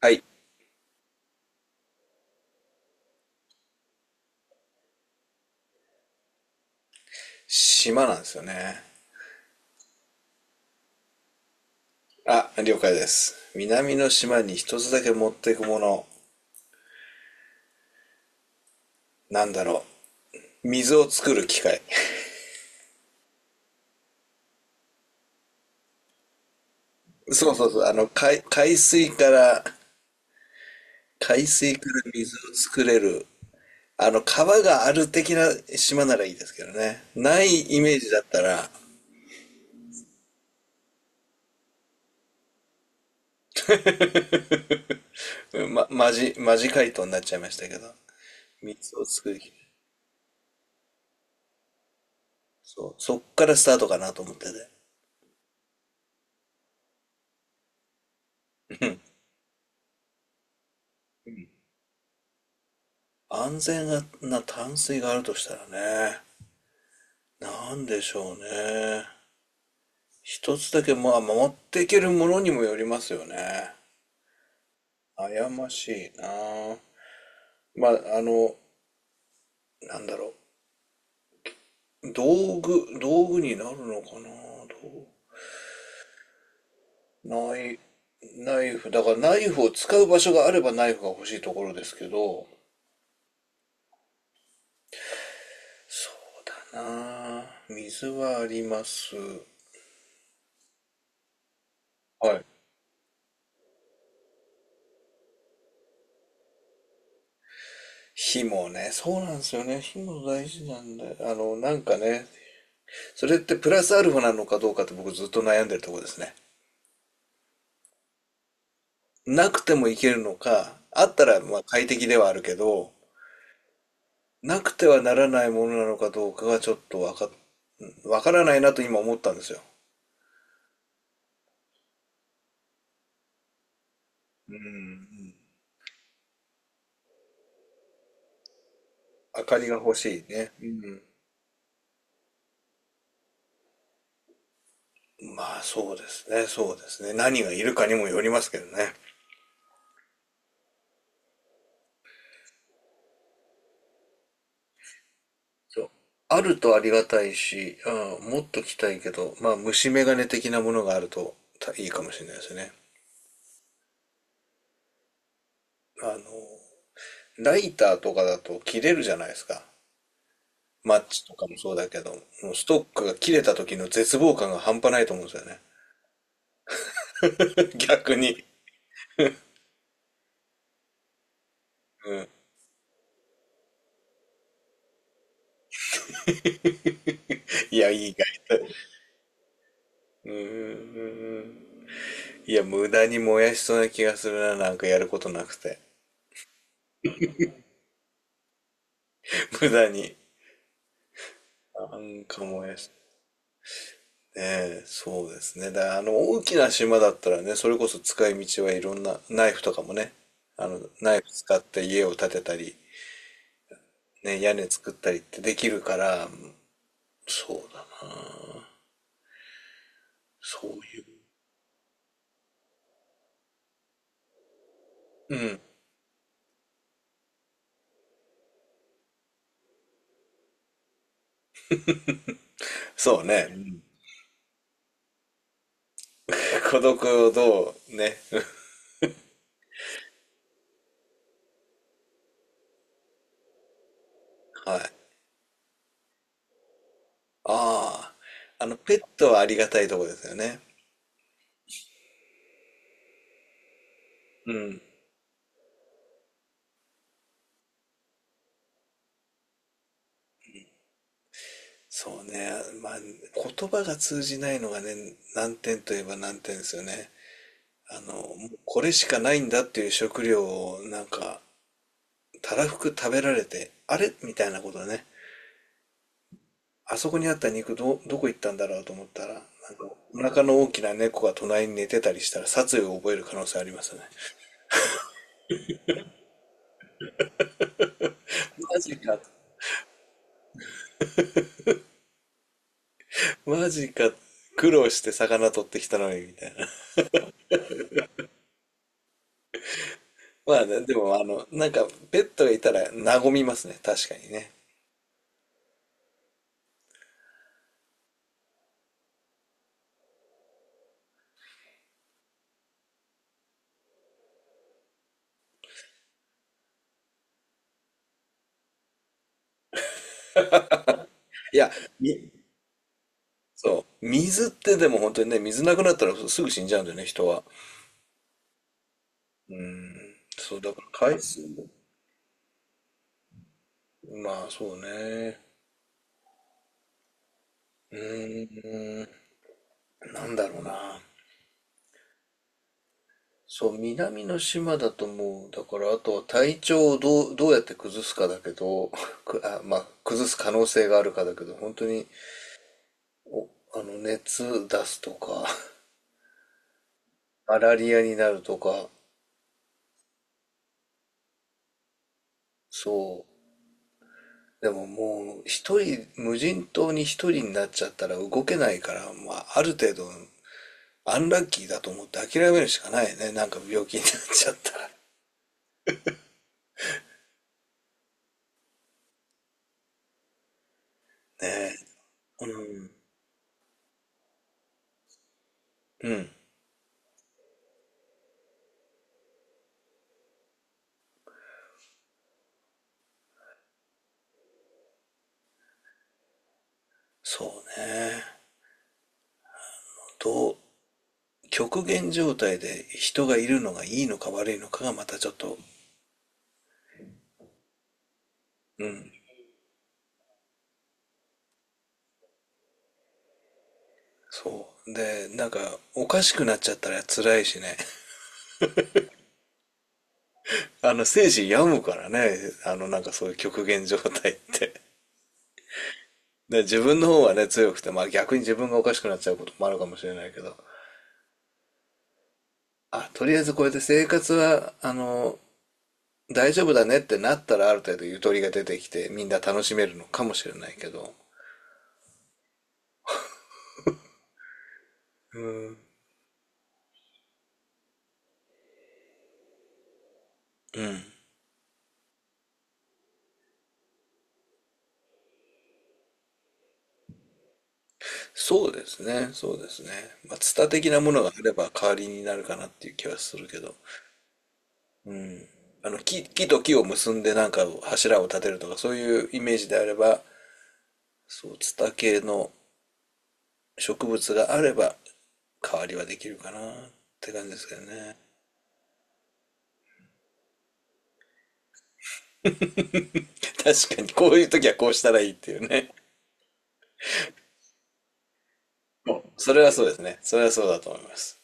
はい。島なんですよね。あ、了解です。南の島に一つだけ持っていくもの。なんだろ水を作る機械。そうそうそう。海水から、海水から水を作れる。あの、川がある的な島ならいいですけどね。ないイメージだったら、マジ回答になっちゃいましたけど。水を作る機械。そう。そっからスタートかなと思ってて。安全な淡水があるとしたらね。なんでしょうね。一つだけ、まあ、守っていけるものにもよりますよね。悩ましいなぁ。まあ、あの、なんだろ道具になるのかな。どうナイ、ナイフ。だからナイフを使う場所があればナイフが欲しいところですけど、そうだなぁ。水はあります。はい。火もね、そうなんですよね。火も大事なんだよ。それってプラスアルファなのかどうかって僕ずっと悩んでるところですね。なくてもいけるのか、あったらまあ快適ではあるけど、なくてはならないものなのかどうかがちょっとわか、わからないなと今思ったんですよ。うん。明かりが欲しいね。うん。まあそうですね、そうですね。何がいるかにもよりますけどね。そう。あるとありがたいし、うん、もっと来たいけど、まあ虫眼鏡的なものがあるとたいいかもしれないですね。あの、ライターとかだと切れるじゃないですか。マッチとかもそうだけど、もうストックが切れた時の絶望感が半端ないと思うんですよね。逆に。うん。いや、いいかい。うんうんうんんいや、無駄に燃やしそうな気がするな、なんかやることなくて。無駄に。なんか燃やし、ねえ、そうですね。だから大きな島だったらね、それこそ使い道はいろんな、ナイフとかもね、あの、ナイフ使って家を建てたり、ね、屋根作ったりってできるから、そうだそういう。うん。そうね。うん 孤独をどうね。はい。ああ。あの、ペットはありがたいとこですよね。うん。そうね。まあ、言葉が通じないのがね、難点といえば難点ですよね。あの、もうこれしかないんだっていう食料をなんか、たらふく食べられて、あれみたいなことね。あそこにあった肉ど、どこ行ったんだろうと思ったら、なんかお腹の大きな猫が隣に寝てたりしたら殺意を覚える可能性ありますよね。マジか。マジか。苦労して魚取ってきたのに、みたいな。まあね、でも、ペットがいたら和みますね。確かにね。いや、み、そう。水ってでも本当にね、水なくなったらすぐ死んじゃうんだよね、人は。うん。そう、だから海水も、まあそうね。うーん、なんだろうな。そう、南の島だともう、だからあとは体調をどうやって崩すかだけど、まあ、崩す可能性があるかだけど、本当にあの、熱出すとか、マラリアになるとか、そう。でももう、一人、無人島に一人になっちゃったら動けないから、まあ、ある程度、アンラッキーだと思って諦めるしかないね。なんか病気になっちゃったら。ねえうん。うん。そうね。どう、極限状態で人がいるのがいいのか悪いのかがまたちょっと、そう。で、なんか、おかしくなっちゃったら辛いしね。あの、生死病むからね、あの、なんかそういう極限状態って。で、自分の方はね、強くて、まあ逆に自分がおかしくなっちゃうこともあるかもしれないけど、あ、とりあえずこうやって生活は、あの、大丈夫だねってなったらある程度ゆとりが出てきて、みんな楽しめるのかもしれないけど、うん。そうですね、そうですね。まあ、ツタ的なものがあれば代わりになるかなっていう気はするけど、あの、木と木を結んでなんか柱を立てるとか、そういうイメージであれば、そう、ツタ系の植物があれば代わりはできるかなって感じですけどね。確かに、こういう時はこうしたらいいっていうね。もう、それはそうですね。それはそうだと思います。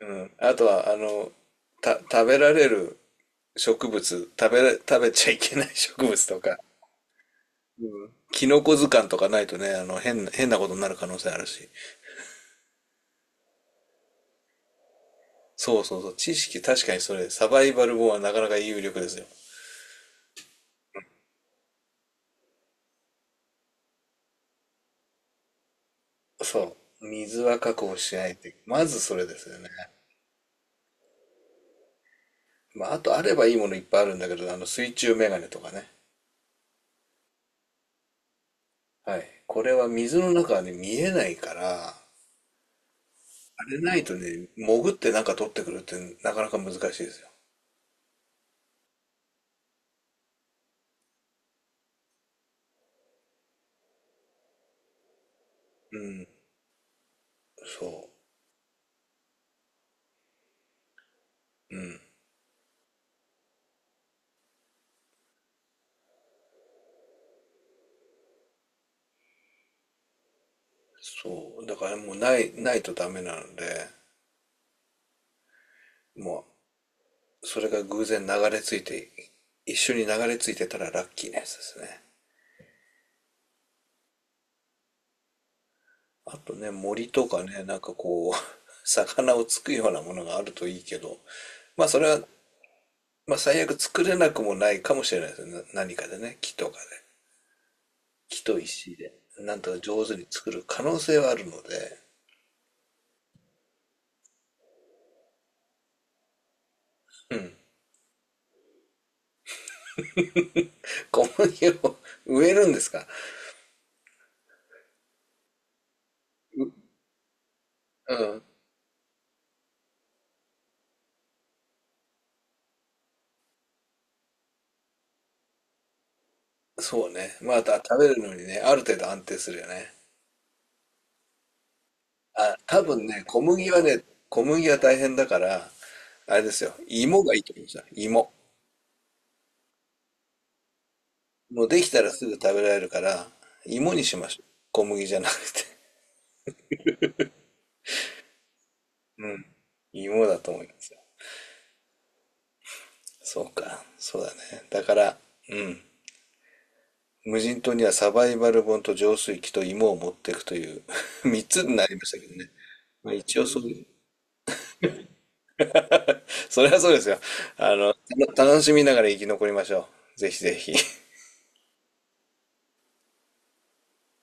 うん。あとは、あの、食べられる植物、食べちゃいけない植物とか、キノコ図鑑とかないとね、あの、変なことになる可能性あるし。そうそうそう。知識、確かにそれ、サバイバル本はなかなか有力ですよ。そう。水は確保しないって、まずそれですよね。まあ、あとあればいいものいっぱいあるんだけど、あの水中メガネとかね。はい。これは水の中はね、見えないから、あれないとね、潜ってなんか取ってくるってなかなか難しいですよ。うん。そう。そう。だからもうないとダメなので、もう、それが偶然流れ着いて、一緒に流れ着いてたらラッキーなやつですね。あとね、森とかね、なんかこう、魚をつくようなものがあるといいけど、まあそれは最悪作れなくもないかもしれないですよね。何かでね、木とかで。木と石で。なんとか上手に作る可能性はあるので。うん。小麦を 植えるんですかう、うん。そうね。また食べるのにね、ある程度安定するよね。あ、多分ね、小麦は大変だから、あれですよ。芋がいいと思いました。芋。もうできたらすぐ食べられるから、芋にしましょう。小麦じゃなくて。うん。芋だと思います。そうか、そうだね。だから、うん。無人島にはサバイバル本と浄水器と芋を持っていくという 3つになりましたけどね。まあ、一応そう、それはそうですよ。あの、た楽しみながら生き残りましょう。ぜひぜひ。